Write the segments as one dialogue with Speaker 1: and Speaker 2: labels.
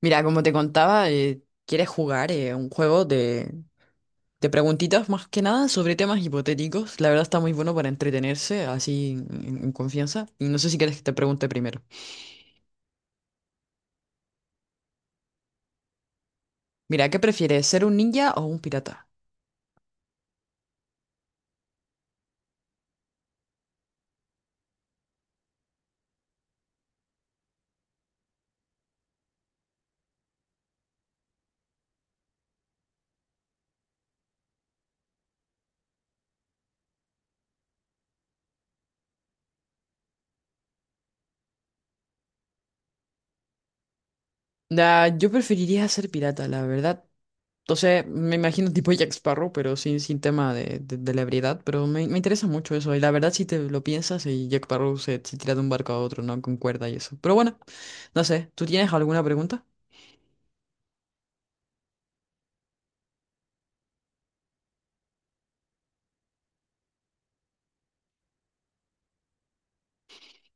Speaker 1: Mira, como te contaba, quieres jugar un juego de, preguntitas más que nada sobre temas hipotéticos. La verdad está muy bueno para entretenerse así en, en confianza. Y no sé si quieres que te pregunte primero. Mira, ¿qué prefieres, ser un ninja o un pirata? Nah, yo preferiría ser pirata, la verdad. Entonces, me imagino tipo Jack Sparrow, pero sin tema de ebriedad. Pero me interesa mucho eso. Y la verdad, si te lo piensas, y Jack Sparrow se tira de un barco a otro, ¿no? Con cuerda y eso. Pero bueno, no sé, ¿tú tienes alguna pregunta?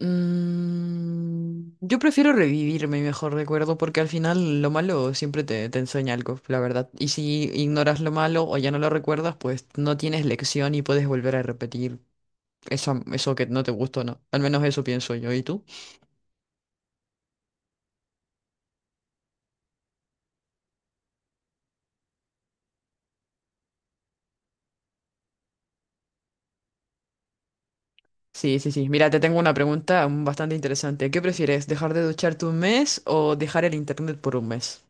Speaker 1: Yo prefiero revivir mi mejor recuerdo porque al final lo malo siempre te enseña algo, la verdad. Y si ignoras lo malo o ya no lo recuerdas, pues no tienes lección y puedes volver a repetir eso que no te gustó, ¿no? Al menos eso pienso yo. ¿Y tú? Sí, sí, sí. Mira, te tengo una pregunta bastante interesante. ¿Qué prefieres, dejar de ducharte un mes o dejar el internet por un mes?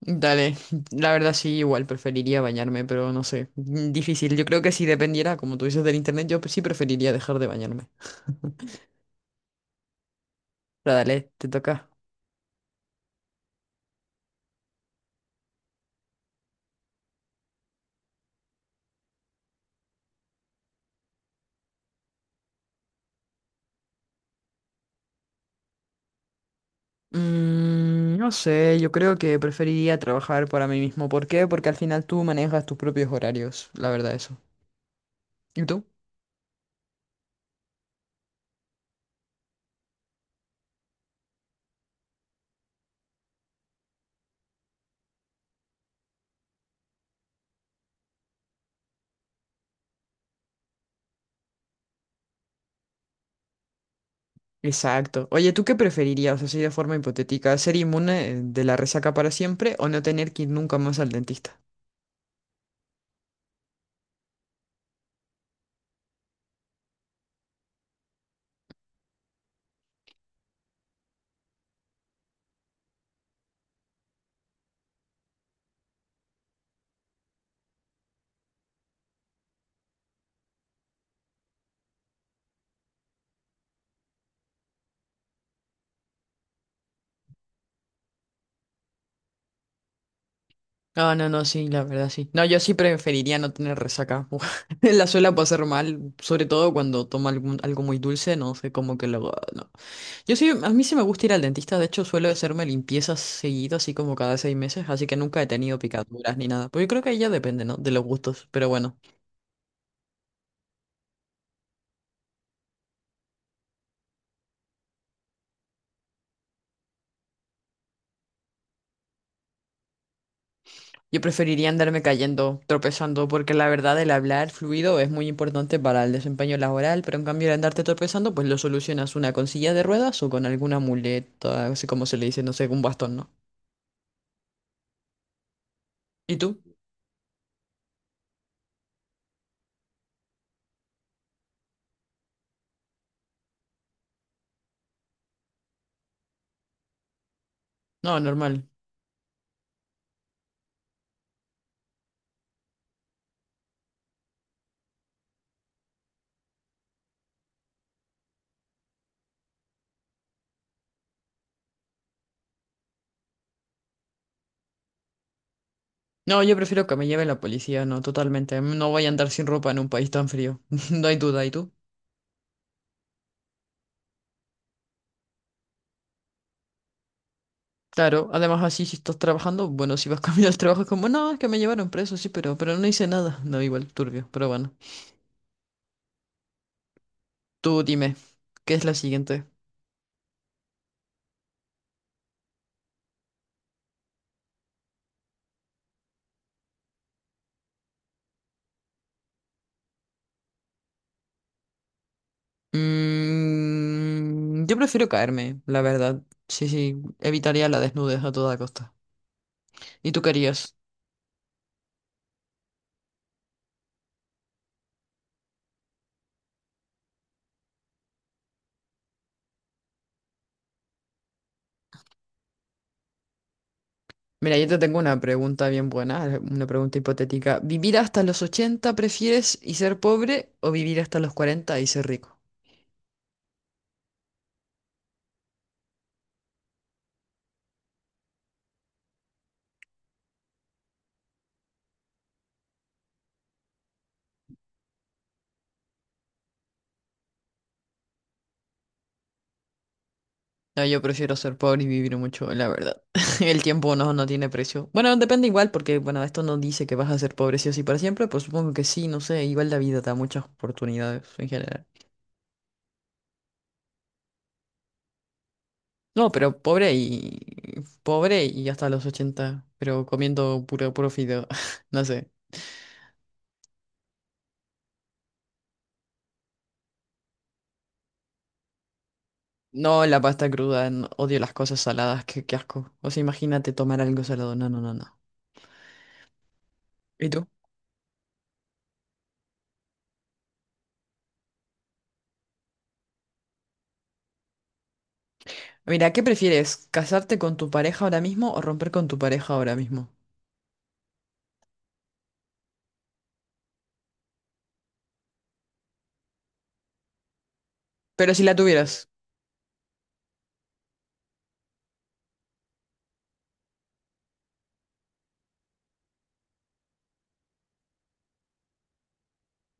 Speaker 1: Dale, la verdad sí, igual preferiría bañarme, pero no sé, difícil. Yo creo que si dependiera, como tú dices, del internet, yo sí preferiría dejar de bañarme. Pero dale, te toca. No sé, yo creo que preferiría trabajar para mí mismo. ¿Por qué? Porque al final tú manejas tus propios horarios, la verdad eso. ¿Y tú? Exacto. Oye, ¿tú qué preferirías, así de forma hipotética, ser inmune de la resaca para siempre o no tener que ir nunca más al dentista? Ah, no, no, sí, la verdad sí. No, yo sí preferiría no tener resaca. La suela puede pasar mal, sobre todo cuando toma algo muy dulce, no sé, como que luego, ah, no. Yo sí, a mí sí me gusta ir al dentista, de hecho suelo hacerme limpiezas seguido, así como cada 6 meses, así que nunca he tenido picaduras ni nada. Pues yo creo que ahí ya depende, ¿no? De los gustos, pero bueno. Yo preferiría andarme cayendo, tropezando, porque la verdad el hablar fluido es muy importante para el desempeño laboral, pero en cambio el andarte tropezando, pues lo solucionas una con silla de ruedas o con alguna muleta, así como se le dice, no sé, un bastón, ¿no? ¿Y tú? No, normal. No, yo prefiero que me lleve la policía, no, totalmente. No voy a andar sin ropa en un país tan frío. No hay duda, ¿y tú? Claro, además así si estás trabajando, bueno, si vas camino al trabajo es como, no, es que me llevaron preso, sí, pero no hice nada. No, igual, turbio, pero bueno. Tú dime, ¿qué es la siguiente? Yo prefiero caerme, la verdad. Sí, sí, evitaría la desnudez a toda costa. ¿Y tú querías? Mira, yo te tengo una pregunta bien buena, una pregunta hipotética. ¿Vivir hasta los 80 prefieres y ser pobre o vivir hasta los 40 y ser rico? No, yo prefiero ser pobre y vivir mucho, la verdad. El tiempo no tiene precio. Bueno, depende igual, porque bueno, esto no dice que vas a ser pobre sí o sí para siempre, pues supongo que sí, no sé, igual la vida da muchas oportunidades en general. No, pero pobre y hasta los 80. Pero comiendo puro fideo. No sé. No, la pasta cruda, odio las cosas saladas, qué asco. O sea, imagínate tomar algo salado. No, no, no, no. ¿Y tú? Mira, ¿qué prefieres? ¿Casarte con tu pareja ahora mismo o romper con tu pareja ahora mismo? Pero si la tuvieras.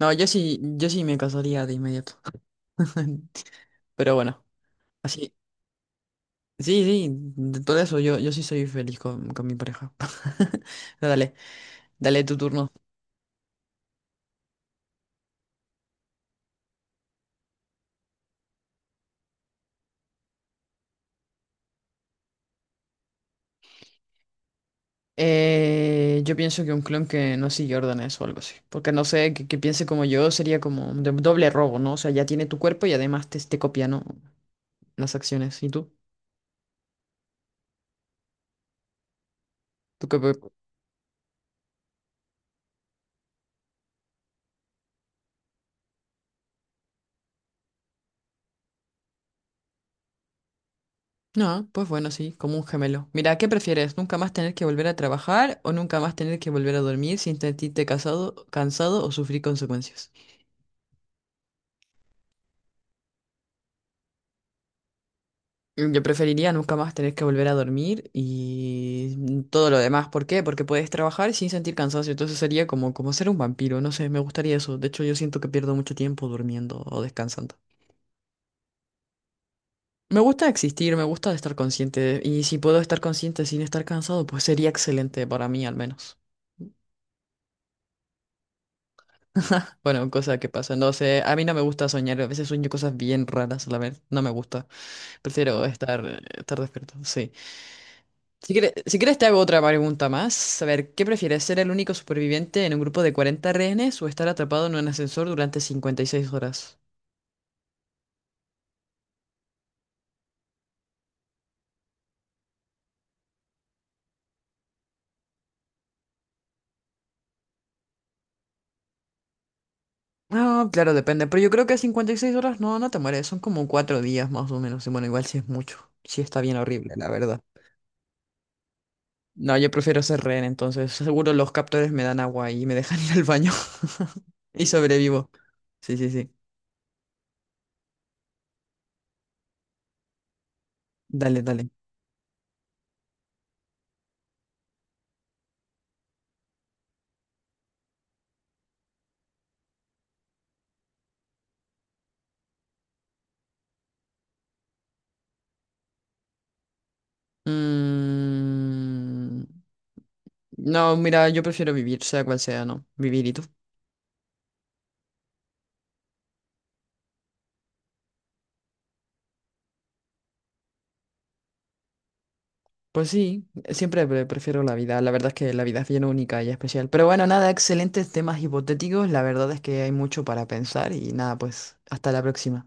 Speaker 1: No, yo sí, yo sí me casaría de inmediato. Pero bueno, así. Sí, sí, de todo eso yo sí soy feliz con mi pareja. Pero dale, dale tu turno. Yo pienso que un clon que no sigue órdenes o algo así. Porque no sé, que piense como yo sería como un doble robo, ¿no? O sea, ya tiene tu cuerpo y además te copia, ¿no? Las acciones. ¿Y tú? ¿Tú qué? No, pues bueno, sí, como un gemelo. Mira, ¿qué prefieres? ¿Nunca más tener que volver a trabajar o nunca más tener que volver a dormir sin sentirte cansado o sufrir consecuencias? Yo preferiría nunca más tener que volver a dormir y todo lo demás. ¿Por qué? Porque puedes trabajar sin sentir cansancio. Entonces sería como ser un vampiro. No sé, me gustaría eso. De hecho, yo siento que pierdo mucho tiempo durmiendo o descansando. Me gusta existir, me gusta estar consciente. Y si puedo estar consciente sin estar cansado, pues sería excelente para mí al menos. Bueno, cosa que pasa. No sé, a mí no me gusta soñar. A veces sueño cosas bien raras, la verdad. No me gusta. Prefiero estar despierto, sí. Si quieres te hago otra pregunta más. A ver, ¿qué prefieres, ser el único superviviente en un grupo de 40 rehenes o estar atrapado en un ascensor durante 56 horas? Ah, claro, depende, pero yo creo que 56 horas no te mueres, son como 4 días más o menos, y bueno, igual si es mucho, sí está bien horrible, la verdad. No, yo prefiero ser rehén, entonces seguro los captores me dan agua y me dejan ir al baño y sobrevivo. Sí, sí, sí. Dale, dale. Mm, no, mira, yo prefiero vivir, sea cual sea, ¿no? Vivir y tú. Pues sí, siempre prefiero la vida. La verdad es que la vida es bien única y especial. Pero bueno, nada, excelentes temas hipotéticos. La verdad es que hay mucho para pensar y nada, pues hasta la próxima.